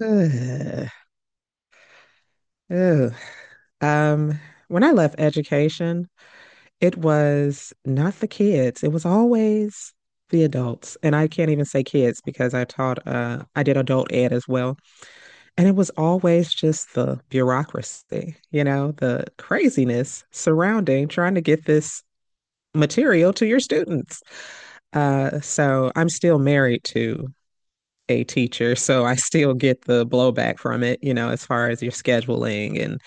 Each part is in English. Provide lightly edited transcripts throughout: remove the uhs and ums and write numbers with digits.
Ugh. Ugh. Um, when I left education, it was not the kids. It was always the adults. And I can't even say kids because I taught I did adult ed as well. And it was always just the bureaucracy, you know, the craziness surrounding trying to get this material to your students. So I'm still married to a teacher, so I still get the blowback from it, you know, as far as your scheduling and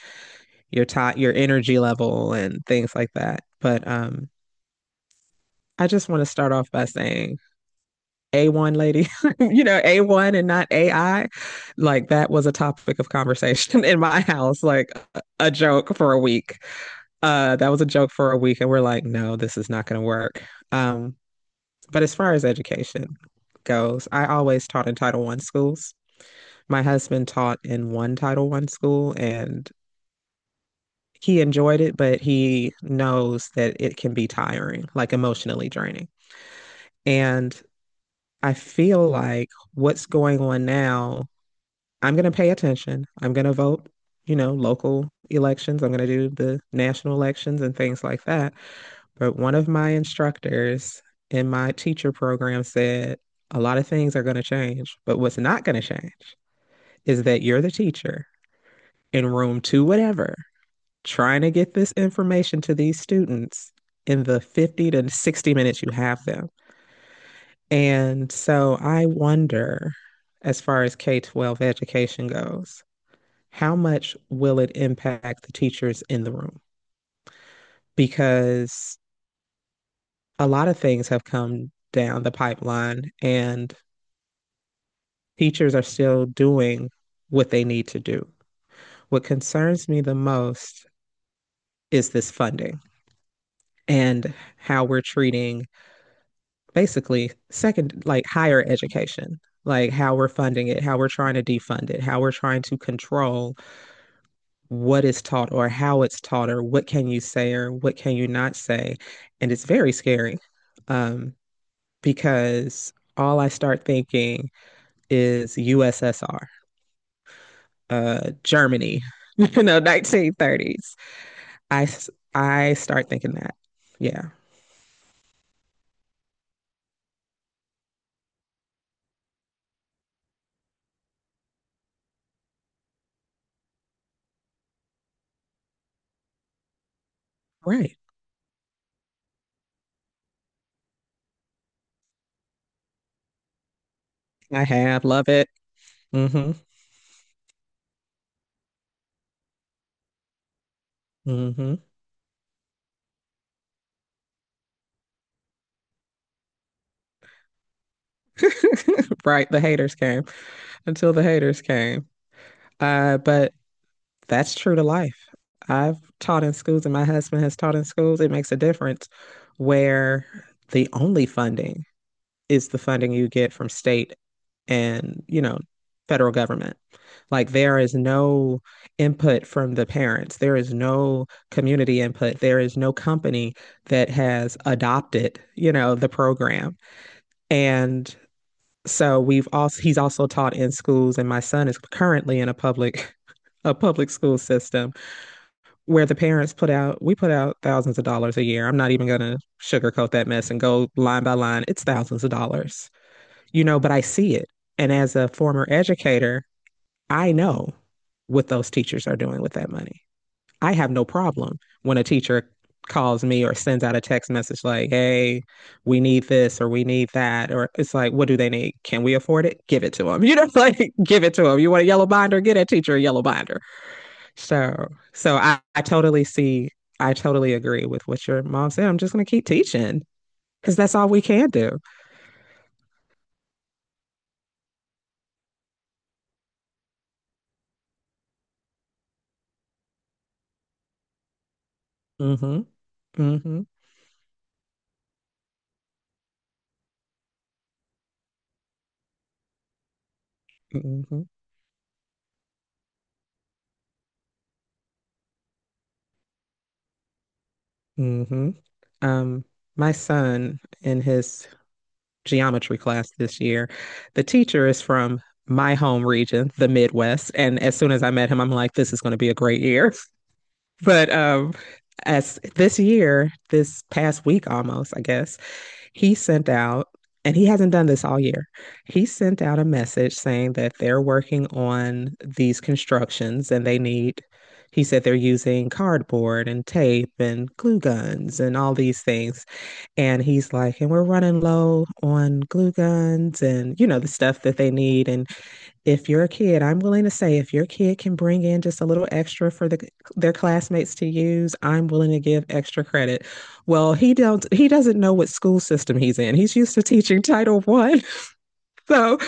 your time, your energy level, and things like that. But I just want to start off by saying A1 lady, you know, A1 and not AI. Like that was a topic of conversation in my house, like a joke for a week. That was a joke for a week. And we're like, no, this is not going to work. Um, but as far as education goes, I always taught in Title One schools. My husband taught in one Title One school and he enjoyed it, but he knows that it can be tiring, like emotionally draining. And I feel like what's going on now, I'm going to pay attention. I'm going to vote, you know, local elections. I'm going to do the national elections and things like that. But one of my instructors in my teacher program said a lot of things are going to change, but what's not going to change is that you're the teacher in room two, whatever, trying to get this information to these students in the 50 to 60 minutes you have them. And so I wonder, as far as K 12 education goes, how much will it impact the teachers in the room? Because a lot of things have come down the pipeline and teachers are still doing what they need to do. What concerns me the most is this funding and how we're treating basically second, like higher education, like how we're funding it, how we're trying to defund it, how we're trying to control what is taught or how it's taught or what can you say or what can you not say. And it's very scary um, because all I start thinking is USSR, Germany, you know, 1930s. I, I start thinking that. Yeah, right. I have, love it. Mm-hmm. Mm-hmm. Right. The haters came. Until the haters came. But that's true to life. I've taught in schools, and my husband has taught in schools. It makes a difference where the only funding is the funding you get from state and, you know, federal government. Like there is no input from the parents. There is no community input. There is no company that has adopted, you know, the program. And so we've also he's also taught in schools, and my son is currently in a public a public school system where the parents put out we put out thousands of dollars a year. I'm not even gonna sugarcoat that mess and go line by line. It's thousands of dollars, you know, but I see it. And as a former educator, I know what those teachers are doing with that money. I have no problem when a teacher calls me or sends out a text message like, hey, we need this or we need that. Or it's like, what do they need? Can we afford it? Give it to them. You know, like give it to them. You want a yellow binder? Get a teacher a yellow binder. So I totally see, I totally agree with what your mom said. I'm just going to keep teaching because that's all we can do. Hmm. Mm-hmm. Mm-hmm. Mm-hmm. Um, my son in his geometry class this year, the teacher is from my home region, the Midwest. And as soon as I met him, I'm like, this is going to be a great year. But as this year, this past week almost, I guess, he sent out, and he hasn't done this all year. He sent out a message saying that they're working on these constructions and he said they're using cardboard and tape and glue guns and all these things. And he's like, and we're running low on glue guns and, you know, the stuff that they need. And if your kid, I'm willing to say, if your kid can bring in just a little extra for their classmates to use, I'm willing to give extra credit. Well, he doesn't know what school system he's in. He's used to teaching Title One, so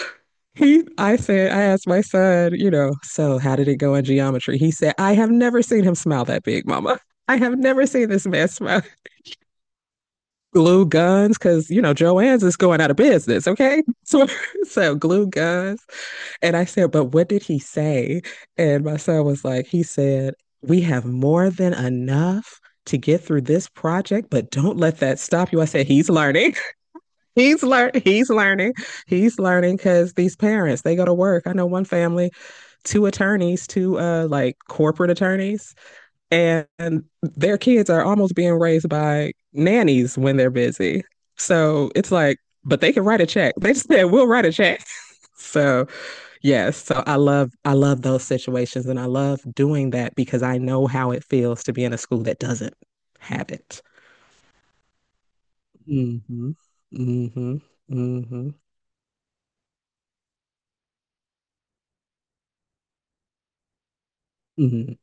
he I said I asked my son, you know, so how did it go in geometry? He said, I have never seen him smile that big, Mama. I have never seen this man smile. Glue guns, because you know Joanne's is going out of business. Okay, so glue guns. And I said, but what did he say? And my son was like, he said, we have more than enough to get through this project, but don't let that stop you. I said, he's learning. He's learning. He's learning. He's learning because these parents, they go to work. I know one family, two attorneys, two like corporate attorneys, and their kids are almost being raised by nannies when they're busy. So it's like, but they can write a check. They just said, we'll write a check. So yes, so I love those situations and I love doing that because I know how it feels to be in a school that doesn't have it. Mm-hmm. Mm-hmm. Mm-hmm. Mm-hmm.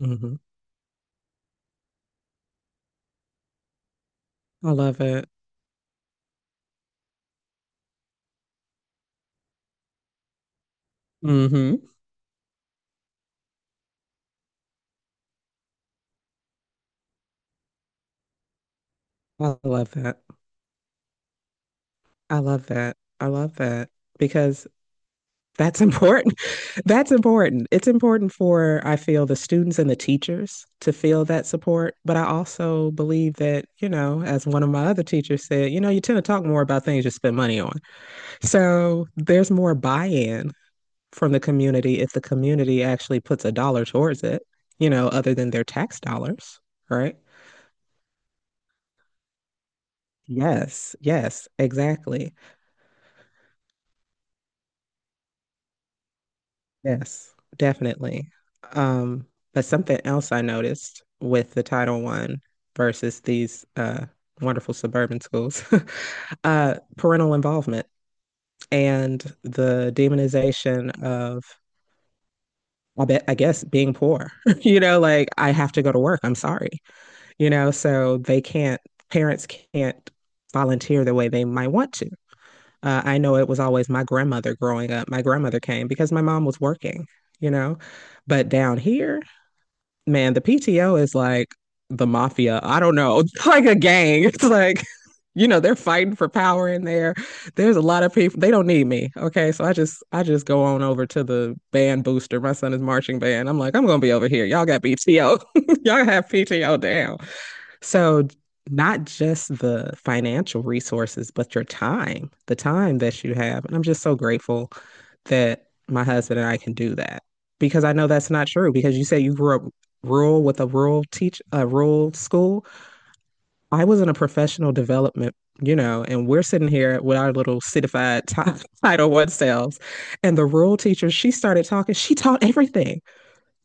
Mm-hmm. I love it. Mm-hmm. I love that. I love that. I love that because that's important. That's important. It's important for, I feel, the students and the teachers to feel that support. But I also believe that, you know, as one of my other teachers said, you know, you tend to talk more about things you spend money on. So there's more buy-in from the community if the community actually puts a dollar towards it, you know, other than their tax dollars, right? Yes, yes, exactly. Yes, definitely. Um, but something else I noticed with the Title One versus these wonderful suburban schools, parental involvement and the demonization of, I guess, being poor. You know, like I have to go to work. I'm sorry. You know, so they can't, parents can't volunteer the way they might want to. I know it was always my grandmother growing up. My grandmother came because my mom was working, you know, but down here, man, the PTO is like the mafia. I don't know, it's like a gang. It's like, you know, they're fighting for power in there. There's a lot of people. They don't need me. Okay, so I just go on over to the band booster. My son is marching band. I'm like, I'm gonna be over here. Y'all got PTO. Y'all have PTO down. So, not just the financial resources, but the time that you have. And I'm just so grateful that my husband and I can do that because I know that's not true. Because you say you grew up rural with a rural school. I was in a professional development, you know, and we're sitting here with our little certified Title One selves. And the rural teacher, she started talking. She taught everything.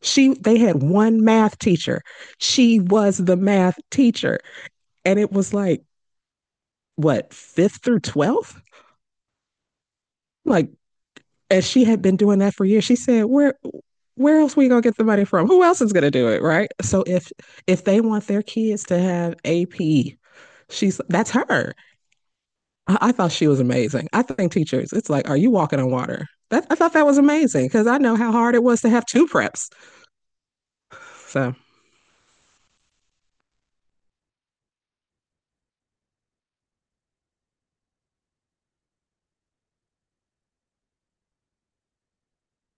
They had one math teacher. She was the math teacher. And it was like, what fifth through 12th. Like, as she had been doing that for years, she said, where else we gonna get the money from? Who else is gonna do it, right?" So if they want their kids to have AP, she's that's her. I thought she was amazing. I think teachers, it's like, are you walking on water? I thought that was amazing because I know how hard it was to have two preps. So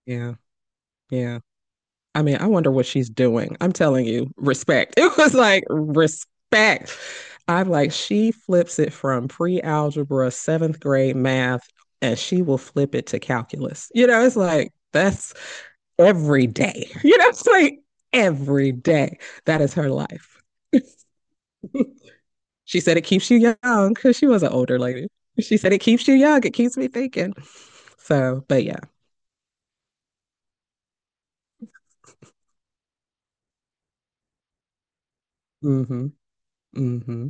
yeah, yeah. I mean, I wonder what she's doing. I'm telling you, respect. It was like respect. I'm like, she flips it from pre-algebra, seventh grade math, and she will flip it to calculus. You know, it's like that's every day. You know, it's like every day. That is her life. She said it keeps you young because she was an older lady. She said it keeps you young. It keeps me thinking. So, but yeah. Mm-hmm. Mm-hmm.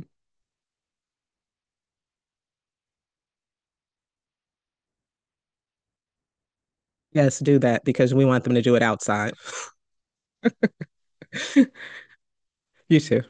Yes, do that because we want them to do it outside. You too.